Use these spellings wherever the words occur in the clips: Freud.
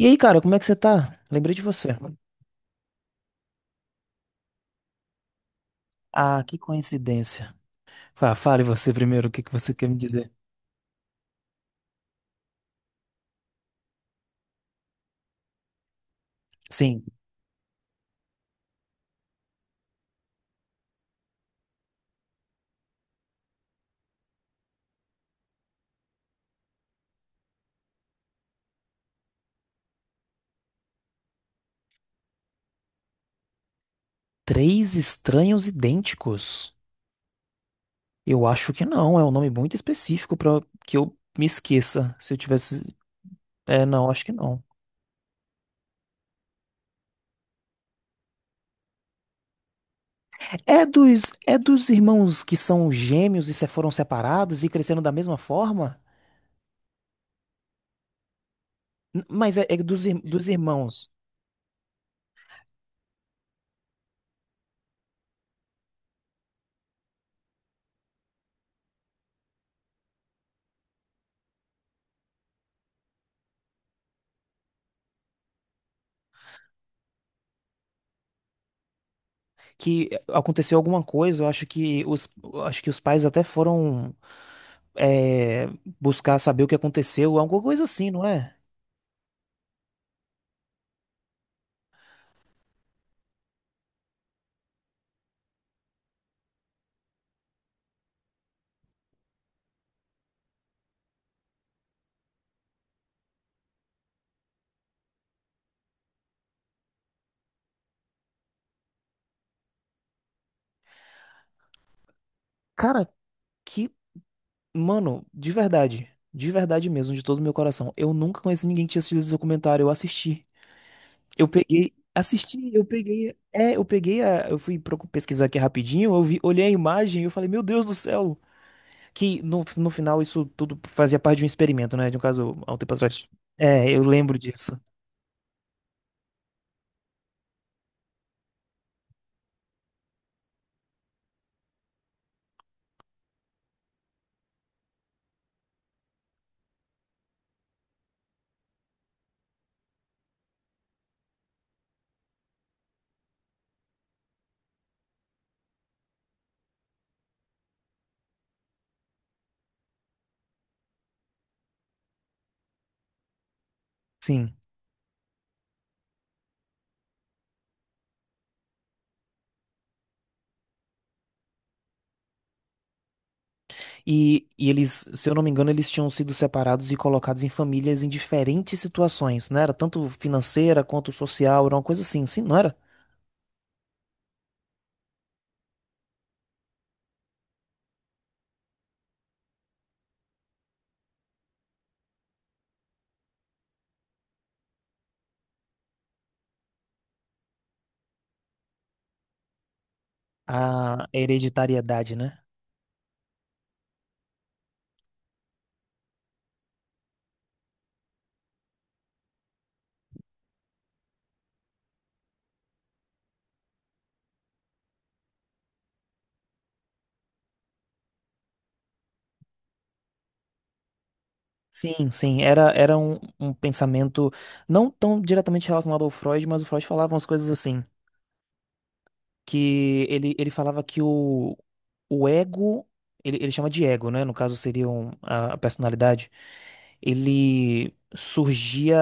E aí, cara, como é que você tá? Lembrei de você. Ah, que coincidência. Fale você primeiro, o que que você quer me dizer? Sim, três estranhos idênticos? Eu acho que não, é um nome muito específico pra que eu me esqueça se eu tivesse. É, não, acho que não. É dos irmãos que são gêmeos e se foram separados e cresceram da mesma forma? Mas é dos irmãos que aconteceu alguma coisa, eu acho que os, eu acho que os pais até foram. é, Buscar saber o que aconteceu, é alguma coisa assim, não é? Cara, que, mano, de verdade mesmo, de todo o meu coração, eu nunca conheci ninguém que tinha assistido esse documentário, eu assisti. Eu peguei, assisti, eu peguei, é, eu peguei a, eu fui pesquisar aqui rapidinho, eu vi, olhei a imagem e eu falei, meu Deus do céu, que no final isso tudo fazia parte de um experimento, né? De um caso há um tempo atrás. É, eu lembro disso. Sim. E eles, se eu não me engano, eles tinham sido separados e colocados em famílias em diferentes situações, não era tanto financeira quanto social, era uma coisa assim, sim, não era? A hereditariedade, né? Sim, sim, era, era um, um pensamento não tão diretamente relacionado ao Freud, mas o Freud falava umas coisas assim, que ele falava que o ego, ele chama de ego, né? No caso seria a personalidade, ele surgia.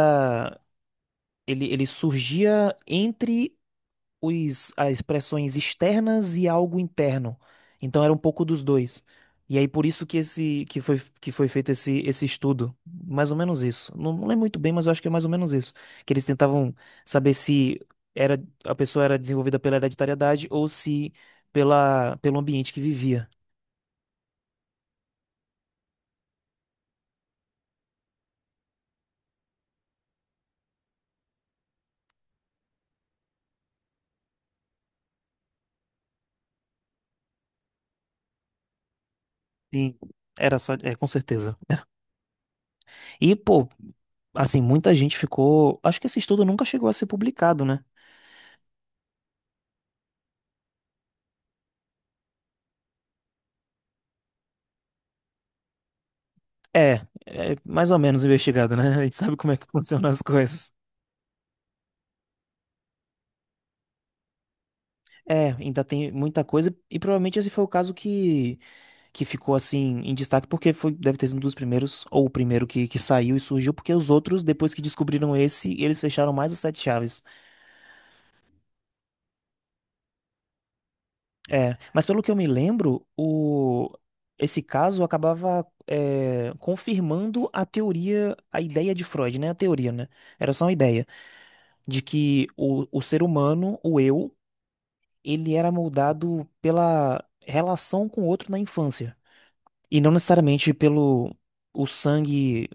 Ele surgia entre os, as expressões externas e algo interno. Então era um pouco dos dois. E aí por isso que esse que foi feito esse, esse estudo. Mais ou menos isso. Não, não lembro muito bem, mas eu acho que é mais ou menos isso. Que eles tentavam saber se era, a pessoa era desenvolvida pela hereditariedade ou se pela, pelo ambiente que vivia. Sim. Era só, é, com certeza. E, pô, assim, muita gente ficou. Acho que esse estudo nunca chegou a ser publicado, né? É, é mais ou menos investigado, né? A gente sabe como é que funcionam as coisas. É, ainda tem muita coisa e provavelmente esse foi o caso que ficou assim em destaque porque foi, deve ter sido um dos primeiros ou o primeiro que saiu e surgiu porque os outros depois que descobriram esse eles fecharam mais as sete chaves. É, mas pelo que eu me lembro o esse caso acabava é, confirmando a teoria, a ideia de Freud, né? A teoria, né? Era só uma ideia de que o ser humano, o eu ele era moldado pela relação com o outro na infância. E não necessariamente pelo o sangue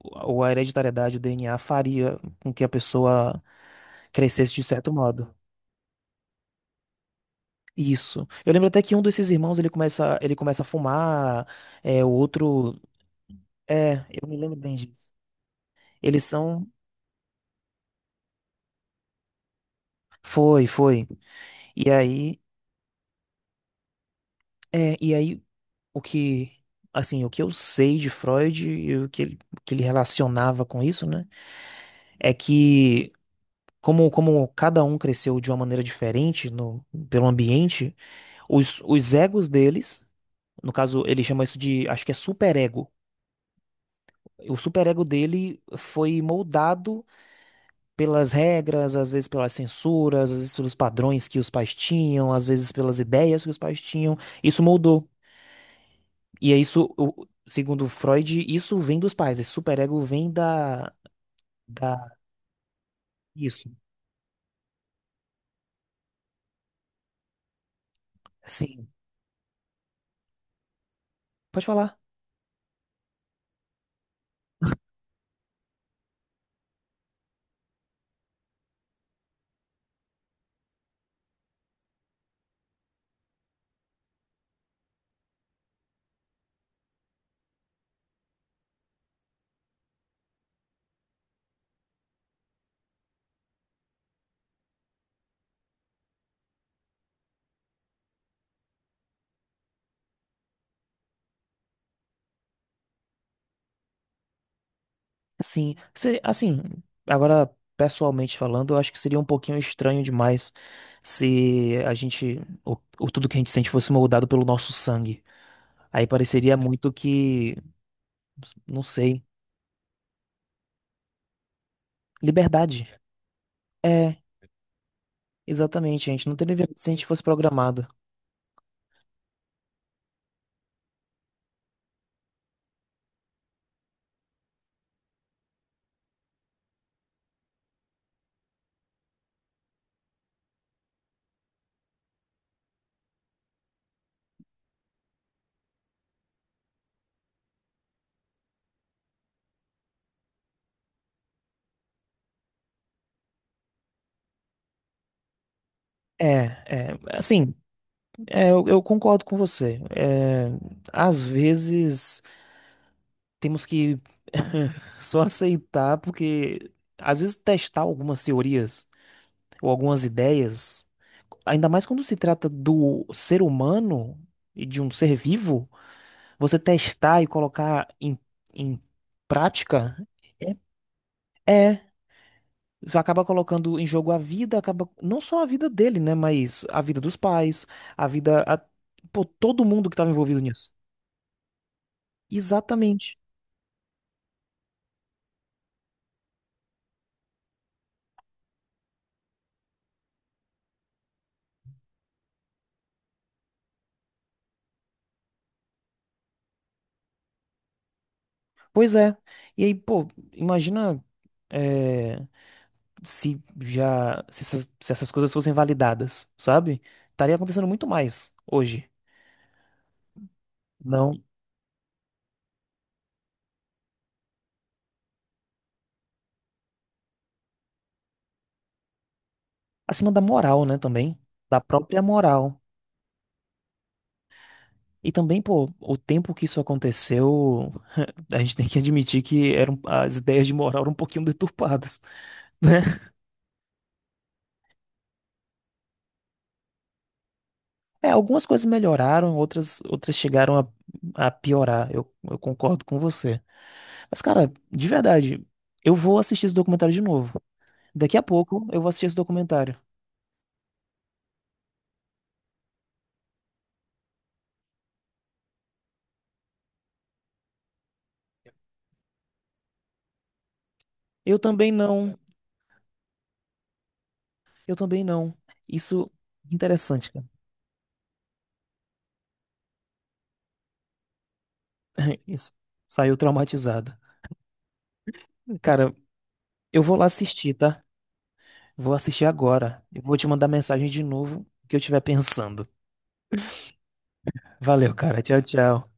ou a hereditariedade, o DNA faria com que a pessoa crescesse de certo modo. Isso. Eu lembro até que um desses irmãos ele começa a fumar, é, o outro. É, eu me lembro bem disso. Eles são. Foi, foi. E aí, é, e aí o que, assim, o que eu sei de Freud e o que ele relacionava com isso, né? é que como, como cada um cresceu de uma maneira diferente no, pelo ambiente, os egos deles, no caso, ele chama isso de, acho que é superego. O superego dele foi moldado pelas regras, às vezes pelas censuras, às vezes pelos padrões que os pais tinham, às vezes pelas ideias que os pais tinham. Isso moldou. E é isso, segundo Freud, isso vem dos pais. Esse superego vem da, da... Isso. Sim. Pode falar. Sim, assim, agora pessoalmente falando, eu acho que seria um pouquinho estranho demais se a gente, o tudo que a gente sente fosse moldado pelo nosso sangue. Aí pareceria muito que, não sei, liberdade. É, exatamente, a gente não teria liberdade se a gente fosse programado. É, é, assim, é, eu concordo com você. É, às vezes temos que só aceitar, porque às vezes testar algumas teorias. Ou algumas ideias, ainda mais quando se trata do ser humano e de um ser vivo, você testar e colocar em, em prática é, é, acaba colocando em jogo a vida, acaba não só a vida dele, né, mas a vida dos pais, a vida, a, pô, todo mundo que estava envolvido nisso. Exatamente. Pois é. E aí, pô, imagina. É, se já se essas, se essas coisas fossem validadas, sabe? Estaria acontecendo muito mais hoje. Não, acima da moral, né, também, da própria moral. E também, pô, o tempo que isso aconteceu, a gente tem que admitir que eram as ideias de moral eram um pouquinho deturpadas, né? É, algumas coisas melhoraram, outras chegaram a piorar. Eu concordo com você. Mas, cara, de verdade, eu vou assistir esse documentário de novo. Daqui a pouco eu vou assistir esse documentário. Eu também não. Eu também não. Isso interessante, cara. Isso. Saiu traumatizado. Cara, eu vou lá assistir, tá? Vou assistir agora. Eu vou te mandar mensagem de novo o que eu estiver pensando. Valeu, cara. Tchau, tchau.